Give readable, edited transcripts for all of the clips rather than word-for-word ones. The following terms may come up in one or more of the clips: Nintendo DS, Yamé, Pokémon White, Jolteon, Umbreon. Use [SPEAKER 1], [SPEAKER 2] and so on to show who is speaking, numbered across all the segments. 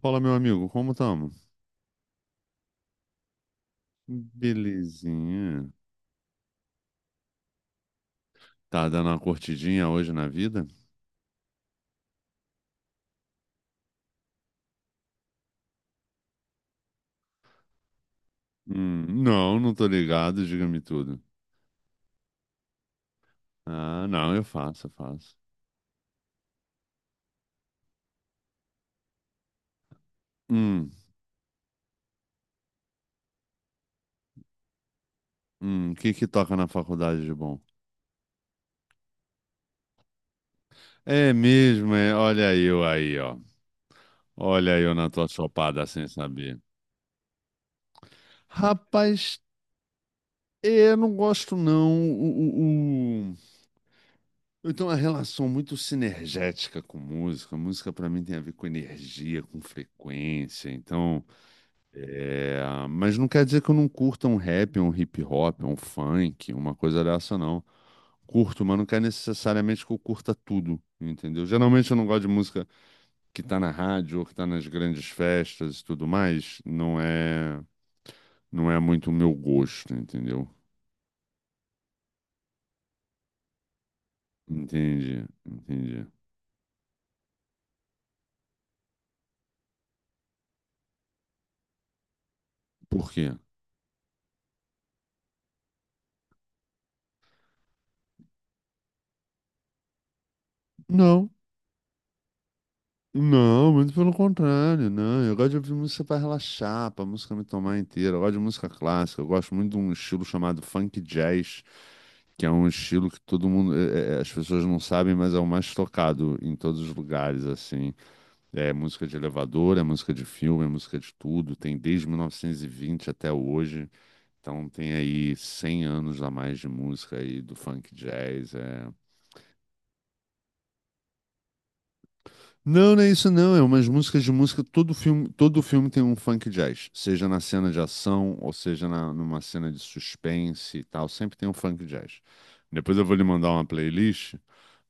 [SPEAKER 1] Fala, meu amigo, como estamos? Belezinha. Tá dando uma curtidinha hoje na vida? Não, não tô ligado, diga-me tudo. Ah, não, eu faço, eu faço. Hum, o que que toca na faculdade de bom? É mesmo, é, olha eu aí, ó. Olha eu na tua chopada sem saber. Rapaz, é, eu não gosto não. Eu tenho uma relação muito sinergética com música. Música pra mim tem a ver com energia, com frequência, então. É, mas não quer dizer que eu não curta um rap, um hip hop, um funk, uma coisa dessa, não. Curto, mas não quer necessariamente que eu curta tudo, entendeu? Geralmente eu não gosto de música que tá na rádio ou que tá nas grandes festas e tudo mais. Não é muito o meu gosto, entendeu? Entendi, entendi. Por quê? Não. Não, muito pelo contrário, não. Eu gosto de ouvir música para relaxar, para música me tomar inteira. Eu gosto de música clássica, eu gosto muito de um estilo chamado funk jazz que é um estilo que todo mundo, as pessoas não sabem, mas é o mais tocado em todos os lugares, assim. É música de elevador, é música de filme, é música de tudo. Tem desde 1920 até hoje. Então tem aí 100 anos a mais de música aí do funk jazz. É, não, não é isso não, é umas músicas de música, todo filme tem um funk jazz, seja na cena de ação, ou seja numa cena de suspense e tal, sempre tem um funk jazz. Depois eu vou lhe mandar uma playlist,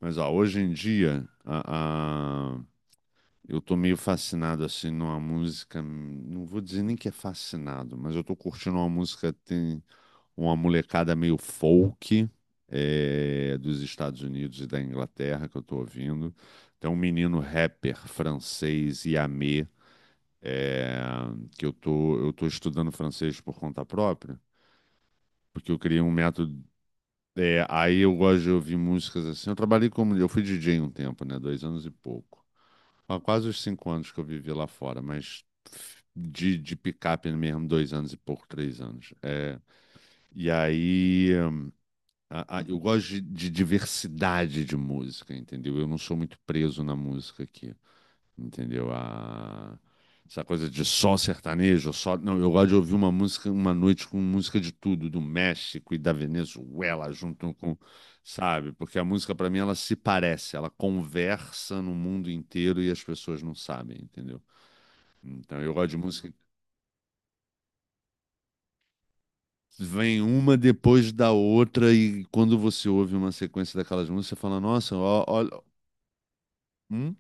[SPEAKER 1] mas ó, hoje em dia eu tô meio fascinado assim numa música, não vou dizer nem que é fascinado, mas eu tô curtindo uma música uma molecada meio folk é, dos Estados Unidos e da Inglaterra que eu tô ouvindo. Tem um menino rapper francês, Yamé, é, que eu tô estudando francês por conta própria, porque eu criei um método. É, aí eu gosto de ouvir músicas assim. Eu trabalhei como. Eu fui DJ um tempo, né? 2 anos e pouco. Há quase os 5 anos que eu vivi lá fora, mas de picape mesmo, 2 anos e pouco, 3 anos. É, e aí. Eu gosto de diversidade de música, entendeu? Eu não sou muito preso na música aqui, entendeu? Essa coisa de só sertanejo, só. Não, eu gosto de ouvir uma música, uma noite com música de tudo, do México e da Venezuela, junto com, sabe? Porque a música, pra mim, ela se parece, ela conversa no mundo inteiro e as pessoas não sabem, entendeu? Então, eu gosto de música. Vem uma depois da outra, e quando você ouve uma sequência daquelas músicas, você fala: Nossa, olha. Hum?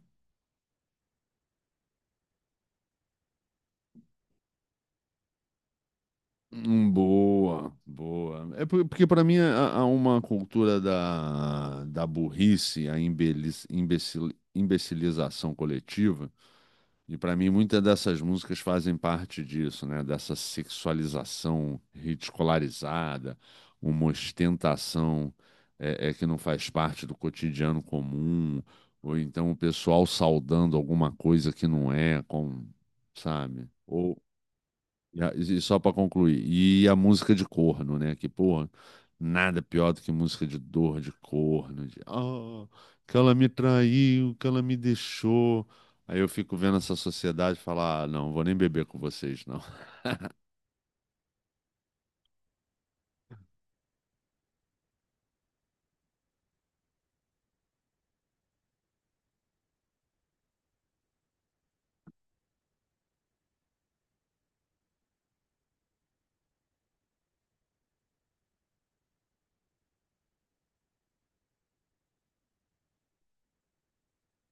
[SPEAKER 1] Boa, boa. É porque para mim há uma cultura da burrice, a imbecilização coletiva, e para mim muitas dessas músicas fazem parte disso, né? Dessa sexualização ridicularizada, uma ostentação que não faz parte do cotidiano comum, ou então o pessoal saudando alguma coisa que não é, como, sabe? E só pra concluir, e a música de corno, né? Que, porra, nada pior do que música de dor, de corno, que ela me traiu, que ela me deixou. Aí eu fico vendo essa sociedade e falar, ah, não, vou nem beber com vocês, não.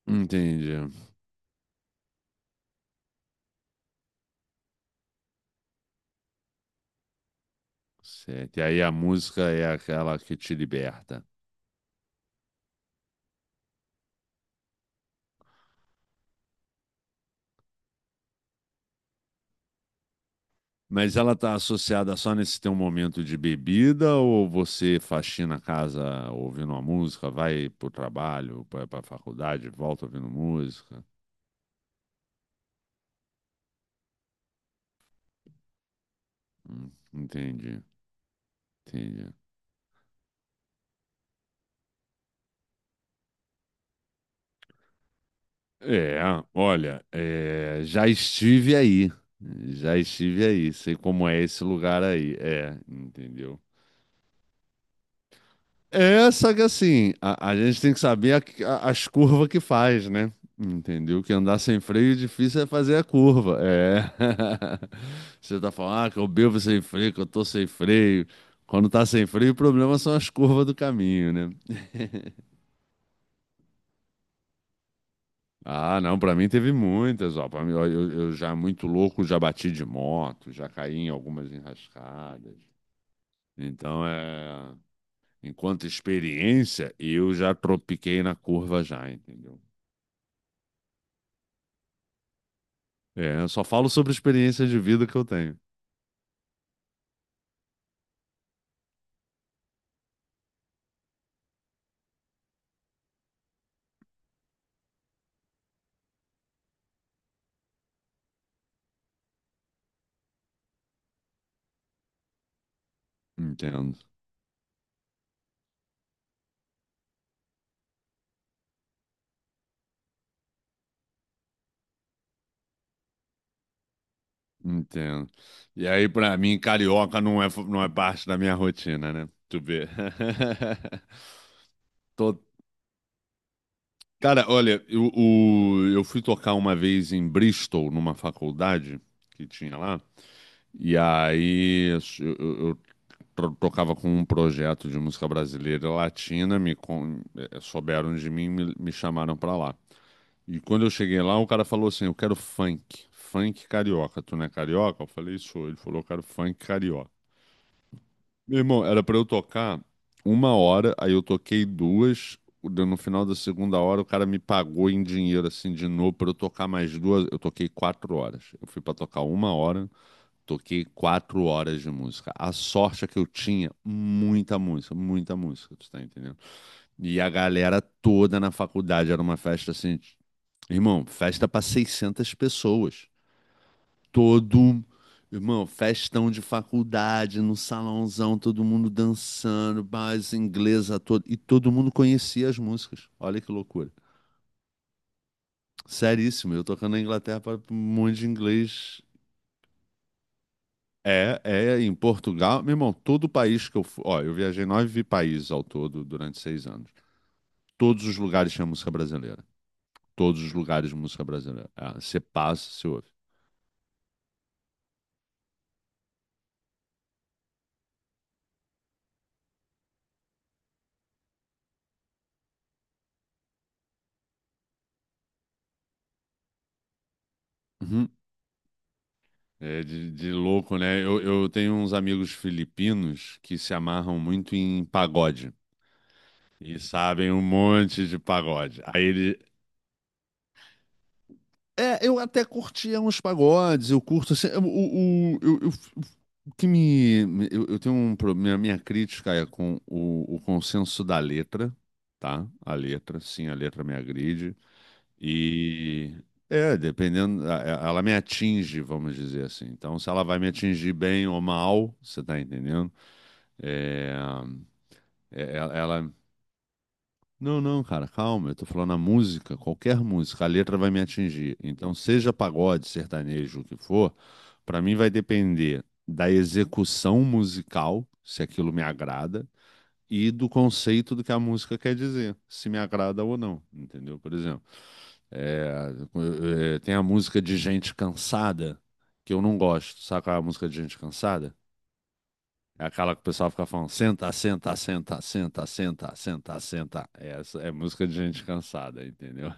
[SPEAKER 1] Entendi. Certo. E aí a música é aquela que te liberta. Mas ela tá associada só nesse teu momento de bebida ou você faxina a casa ouvindo uma música, vai pro trabalho, vai pra faculdade, volta ouvindo música? Entendi, entendi. É, olha, é, já estive aí, sei como é esse lugar aí, é, entendeu? É, só que assim, a gente tem que saber as curvas que faz, né? Entendeu? Que andar sem freio é difícil é fazer a curva, é. Você tá falando, ah, que eu bebo sem freio, que eu tô sem freio. Quando tá sem freio, o problema são as curvas do caminho, né? Ah, não, pra mim teve muitas, ó. Pra mim, ó, eu já muito louco, já bati de moto, já caí em algumas enrascadas. Então, é, enquanto experiência, eu já tropiquei na curva já, entendeu? É, eu só falo sobre experiência de vida que eu tenho. Entendo, entendo. E aí, pra mim, carioca não é parte da minha rotina, né? Tu vê. Tô- Cara, olha, eu fui tocar uma vez em Bristol, numa faculdade que tinha lá, e aí tocava com um projeto de música brasileira e latina, souberam de mim, me chamaram pra lá. E quando eu cheguei lá, o cara falou assim: Eu quero funk, funk carioca. Tu não é carioca? Eu falei: Sou. Ele falou: Eu quero funk carioca. Meu irmão, era pra eu tocar 1 hora, aí eu toquei duas. No final da segunda hora, o cara me pagou em dinheiro, assim, de novo, pra eu tocar mais duas. Eu toquei 4 horas. Eu fui pra tocar 1 hora, toquei 4 horas de música. A sorte é que eu tinha muita música, tu tá entendendo? E a galera toda na faculdade, era uma festa assim. Irmão, festa pra 600 pessoas todo, irmão, festão de faculdade, no salãozão, todo mundo dançando, base inglesa todo, e todo mundo conhecia as músicas. Olha que loucura. Seríssimo, eu tocando na Inglaterra para um monte de inglês. Em Portugal, meu irmão, todo país que eu fui, ó, eu viajei nove países ao todo durante 6 anos. Todos os lugares tinha música brasileira. Todos os lugares de música brasileira. É, você passa, você ouve. Uhum. É de louco, né? Eu tenho uns amigos filipinos que se amarram muito em pagode e sabem um monte de pagode. Aí ele. É, eu até curtia uns pagodes, eu curto assim. O- eu- o que me. Eu tenho um problema. Minha crítica é com o consenso da letra, tá? A letra, sim, a letra me agride. E dependendo, ela me atinge, vamos dizer assim. Então, se ela vai me atingir bem ou mal, você tá entendendo? É, é, ela, ela- não, não, cara, calma, eu tô falando a música, qualquer música, a letra vai me atingir. Então, seja pagode, sertanejo, o que for, pra mim vai depender da execução musical, se aquilo me agrada, e do conceito do que a música quer dizer, se me agrada ou não, entendeu? Por exemplo. É, Tem a música de gente cansada, que eu não gosto. Sabe qual é a música de gente cansada? É aquela que o pessoal fica falando, senta, senta, senta, senta, senta, senta, senta. Essa é música de gente cansada, entendeu?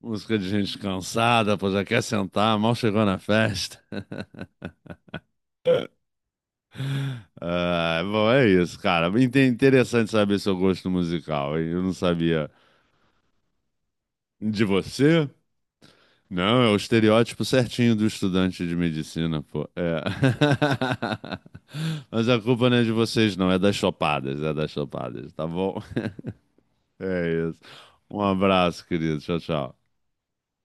[SPEAKER 1] Música de gente cansada, pô, já quer sentar, mal chegou na festa. Ah, bom, é isso, cara. Interessante saber seu gosto musical, hein? Eu não sabia de você. Não, é o estereótipo certinho do estudante de medicina, pô. É. Mas a culpa não é de vocês, não. É das chopadas, tá bom? É isso. Um abraço, querido. Tchau, tchau.